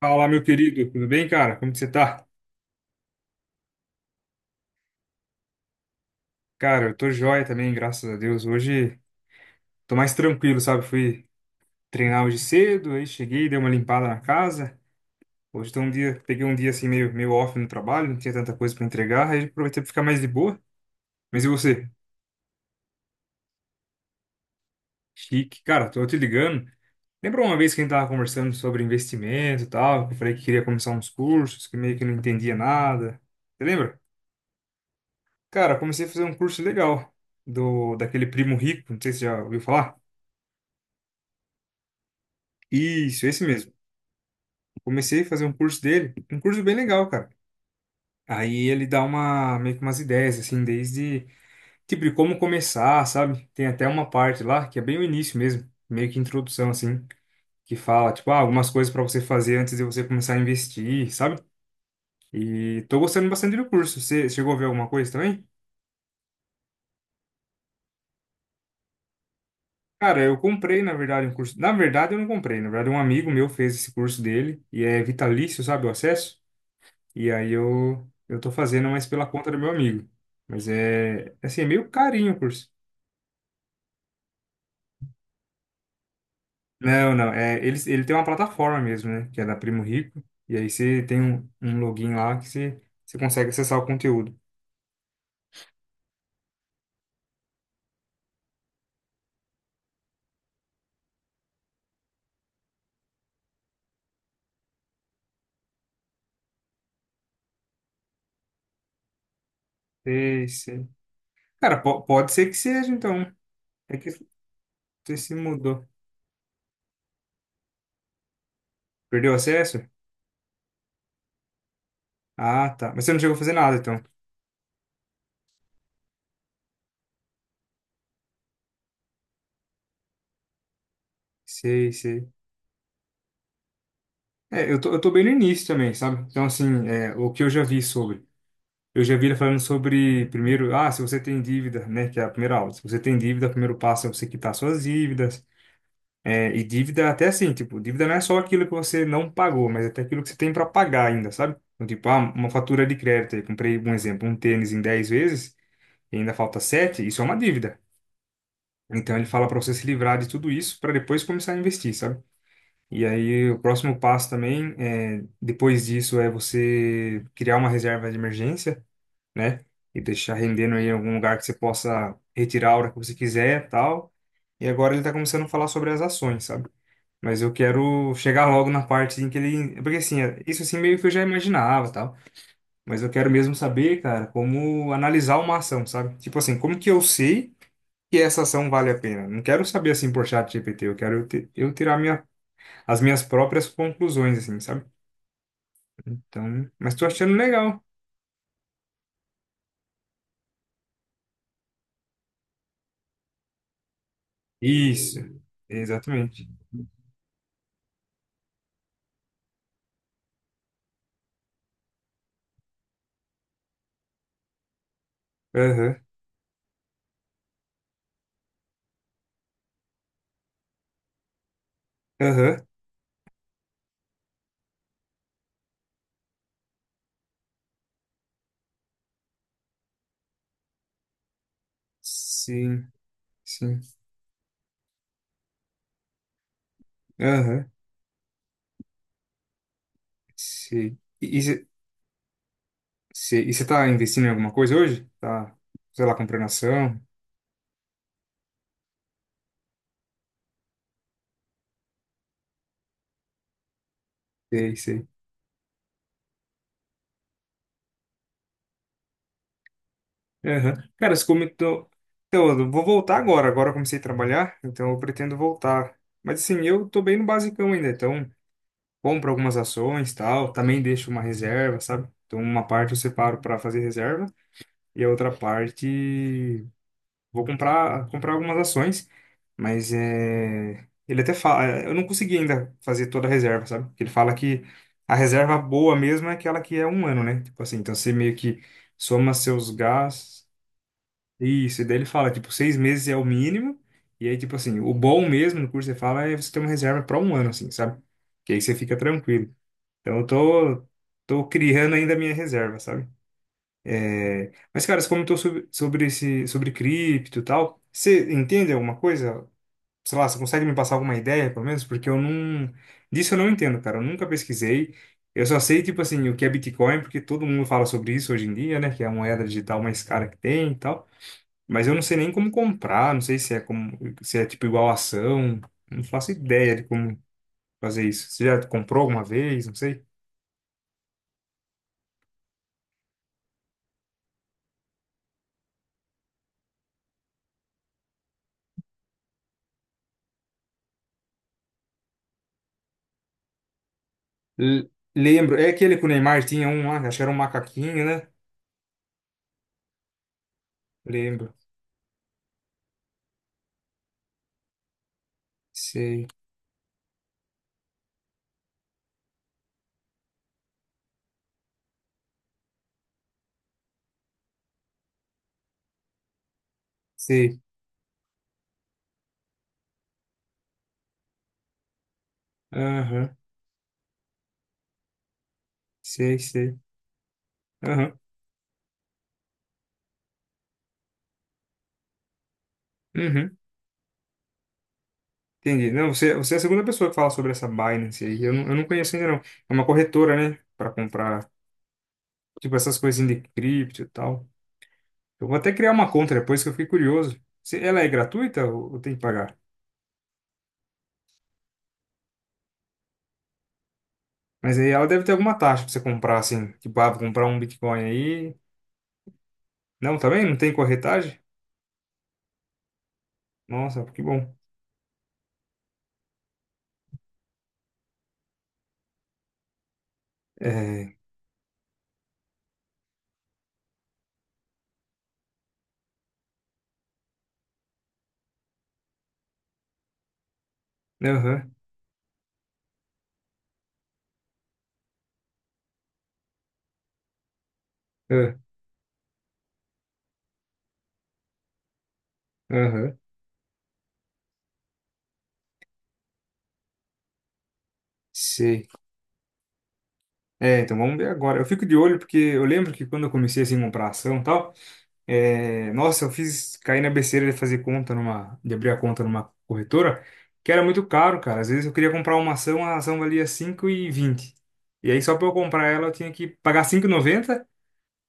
Fala, meu querido, tudo bem, cara? Como que você tá? Cara, eu tô joia também, graças a Deus. Hoje tô mais tranquilo, sabe? Fui treinar hoje cedo, aí cheguei, dei uma limpada na casa. Hoje tô um dia, peguei um dia assim meio off no trabalho, não tinha tanta coisa pra entregar, aí aproveitei pra ficar mais de boa. Mas e você? Chique. Cara, tô te ligando. Lembra uma vez que a gente tava conversando sobre investimento e tal, que eu falei que queria começar uns cursos, que meio que não entendia nada. Você lembra? Cara, comecei a fazer um curso legal do daquele primo rico, não sei se você já ouviu falar. Isso, esse mesmo. Comecei a fazer um curso dele, um curso bem legal, cara. Aí ele dá uma, meio que umas ideias, assim, desde, tipo, de como começar, sabe? Tem até uma parte lá, que é bem o início mesmo, meio que introdução, assim, que fala, tipo, ah, algumas coisas para você fazer antes de você começar a investir, sabe? E tô gostando bastante do curso. Você chegou a ver alguma coisa também? Cara, eu comprei, na verdade, um curso. Na verdade, eu não comprei. Na verdade, um amigo meu fez esse curso dele e é vitalício, sabe, o acesso. E aí eu tô fazendo mais pela conta do meu amigo. Mas é assim, é meio carinho o curso. Não, não, é, ele tem uma plataforma mesmo, né? Que é da Primo Rico. E aí você tem um login lá que você consegue acessar o conteúdo. Sei, sei. Cara, pode ser que seja, então. É que você se mudou. Perdeu o acesso? Ah, tá. Mas você não chegou a fazer nada, então. Sei, sei. É, eu tô bem no início também, sabe? Então, assim, é, o que eu já vi sobre. Eu já vi ele falando sobre, primeiro, ah, se você tem dívida, né, que é a primeira aula. Se você tem dívida, o primeiro passo é você quitar suas dívidas. É, e dívida até assim, tipo, dívida não é só aquilo que você não pagou, mas até aquilo que você tem para pagar ainda, sabe? Então, tipo, ah, uma fatura de crédito, aí, comprei, um exemplo, um tênis em 10 vezes e ainda falta 7, isso é uma dívida. Então, ele fala para você se livrar de tudo isso para depois começar a investir, sabe? E aí, o próximo passo também, é, depois disso, é você criar uma reserva de emergência, né? E deixar rendendo aí em algum lugar que você possa retirar a hora que você quiser, tal. E agora ele tá começando a falar sobre as ações, sabe? Mas eu quero chegar logo na parte em que ele, porque assim, isso assim meio que eu já imaginava, tal, mas eu quero mesmo saber, cara, como analisar uma ação, sabe? Tipo assim, como que eu sei que essa ação vale a pena? Não quero saber assim por chat GPT, eu quero eu tirar as minhas próprias conclusões assim, sabe? Então, mas tô achando legal. Isso. Exatamente. Aham. Aham. Sim, sim. Aham, sim. E você está investindo em alguma coisa hoje? Tá, sei lá, comprando ação? Sei, sei. Aham. Cara, você comentou. Então, eu vou voltar agora. Agora eu comecei a trabalhar, então eu pretendo voltar. Mas assim, eu tô bem no basicão ainda, então compro algumas ações, tal, também deixo uma reserva, sabe? Então, uma parte eu separo para fazer reserva e a outra parte vou comprar algumas ações, mas é, ele até fala, eu não consegui ainda fazer toda a reserva, sabe? Porque ele fala que a reserva boa mesmo é aquela que é um ano, né? Tipo assim, então você meio que soma seus gastos, isso, e daí ele fala, tipo, 6 meses é o mínimo, e aí, tipo assim, o bom mesmo no curso, ele fala, é você ter uma reserva para um ano, assim, sabe? Que aí você fica tranquilo. Então eu tô criando ainda a minha reserva, sabe? Mas, cara, você comentou sobre esse, sobre cripto e tal. Você entende alguma coisa? Sei lá, você consegue me passar alguma ideia, pelo menos? Porque eu não. Disso eu não entendo, cara. Eu nunca pesquisei. Eu só sei, tipo assim, o que é Bitcoin, porque todo mundo fala sobre isso hoje em dia, né? Que é a moeda digital mais cara que tem e tal. Mas eu não sei nem como comprar, não sei se é como, se é tipo igual ação. Não faço ideia de como fazer isso. Você já comprou alguma vez? Não sei. L- lembro. É aquele que o Neymar tinha um lá, acho que era um macaquinho, né? Lembro. Sei, sei. Aham, sei, sei. Aham, uhum. Entendi. Não, você é a segunda pessoa que fala sobre essa Binance aí. Eu não conheço ainda, não. É uma corretora, né? Pra comprar, tipo, essas coisas de cripto e tal. Eu vou até criar uma conta depois que eu fiquei curioso. Se ela é gratuita ou tem que pagar? Mas aí ela deve ter alguma taxa pra você comprar, assim. Tipo, ah, vou comprar um Bitcoin aí. Não, também? Não tem corretagem? Nossa, que bom. É. Aham, ah, aham. Sei. É, então vamos ver agora. Eu fico de olho porque eu lembro que quando eu comecei assim a comprar ação e tal, é, nossa, eu fiz cair na besteira de fazer conta de abrir a conta numa corretora, que era muito caro, cara. Às vezes eu queria comprar uma ação, a ação valia 5,20 e aí, só para eu comprar ela, eu tinha que pagar 5,90,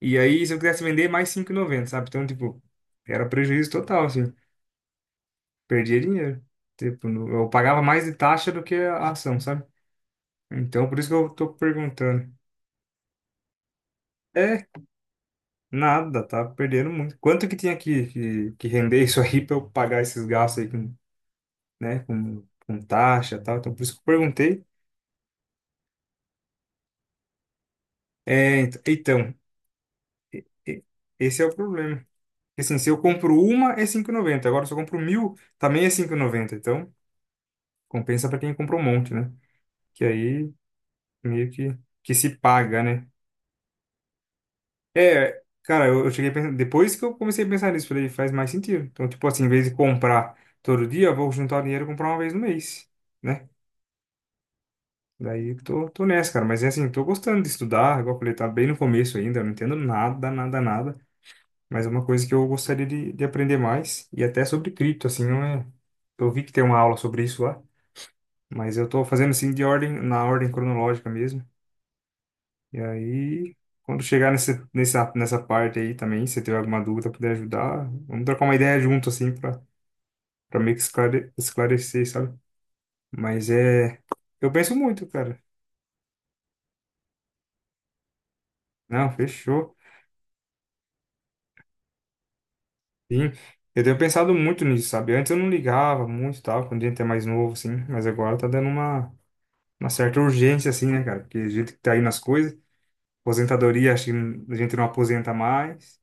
e aí, se eu quisesse vender, mais 5,90, sabe? Então, tipo, era prejuízo total, assim. Perdia dinheiro. Tipo, eu pagava mais de taxa do que a ação, sabe? Então, por isso que eu tô perguntando. É, nada, tá perdendo muito. Quanto que tinha que render isso aí para eu pagar esses gastos aí com, né, com taxa e tal? Então, por isso que eu perguntei. É, então, e- esse é o problema. Assim, se eu compro uma, é 5,90. Agora, se eu compro mil, também é 5,90. Então, compensa para quem comprou um monte, né? Que aí meio que se paga, né? É, cara, eu cheguei a pensar, depois que eu comecei a pensar nisso, falei, faz mais sentido. Então, tipo assim, em vez de comprar todo dia, eu vou juntar o dinheiro e comprar uma vez no mês, né? Daí tô nessa, cara. Mas é assim, tô gostando de estudar. Igual eu falei, tá bem no começo ainda. Eu não entendo nada, nada, nada. Mas é uma coisa que eu gostaria de aprender mais. E até sobre cripto, assim, não é. Eu vi que tem uma aula sobre isso lá. Mas eu tô fazendo assim de ordem, na ordem cronológica mesmo. E aí, quando chegar nessa parte aí também, se tiver alguma dúvida, puder ajudar, vamos trocar uma ideia junto, assim, pra meio que esclarecer, sabe? Mas é. Eu penso muito, cara. Não, fechou. Sim, eu tenho pensado muito nisso, sabe? Antes eu não ligava muito e tal, quando a gente é mais novo, assim, mas agora tá dando uma certa urgência, assim, né, cara? Porque a gente que tá aí nas coisas, aposentadoria, acho que a gente não aposenta mais.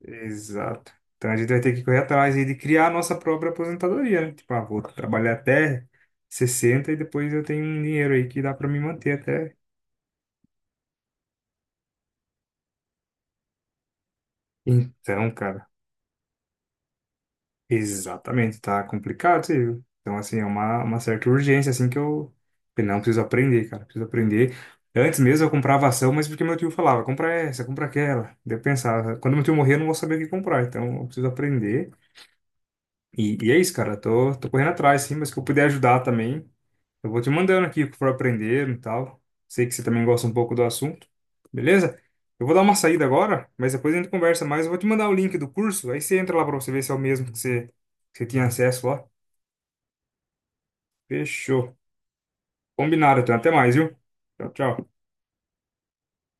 Exato. Então a gente vai ter que correr atrás aí de criar a nossa própria aposentadoria, né? Tipo, ah, vou trabalhar até 60 e depois eu tenho um dinheiro aí que dá pra me manter até. Então, cara. Exatamente, tá complicado, você viu? Então, assim, é uma certa urgência, assim, que eu falei, não preciso aprender, cara, preciso aprender. Antes mesmo eu comprava ação, mas porque meu tio falava, compra essa, compra aquela. Daí eu pensava, quando meu tio morrer, eu não vou saber o que comprar, então eu preciso aprender. E é isso, cara. Tô correndo atrás, sim, mas que eu puder ajudar também. Eu vou te mandando aqui o que for aprender e tal. Sei que você também gosta um pouco do assunto, beleza? Eu vou dar uma saída agora, mas depois a gente conversa mais. Eu vou te mandar o link do curso, aí você entra lá pra você ver se é o mesmo que você tinha acesso lá. Fechou. Combinado, então. Até mais, viu? Tchau, tchau.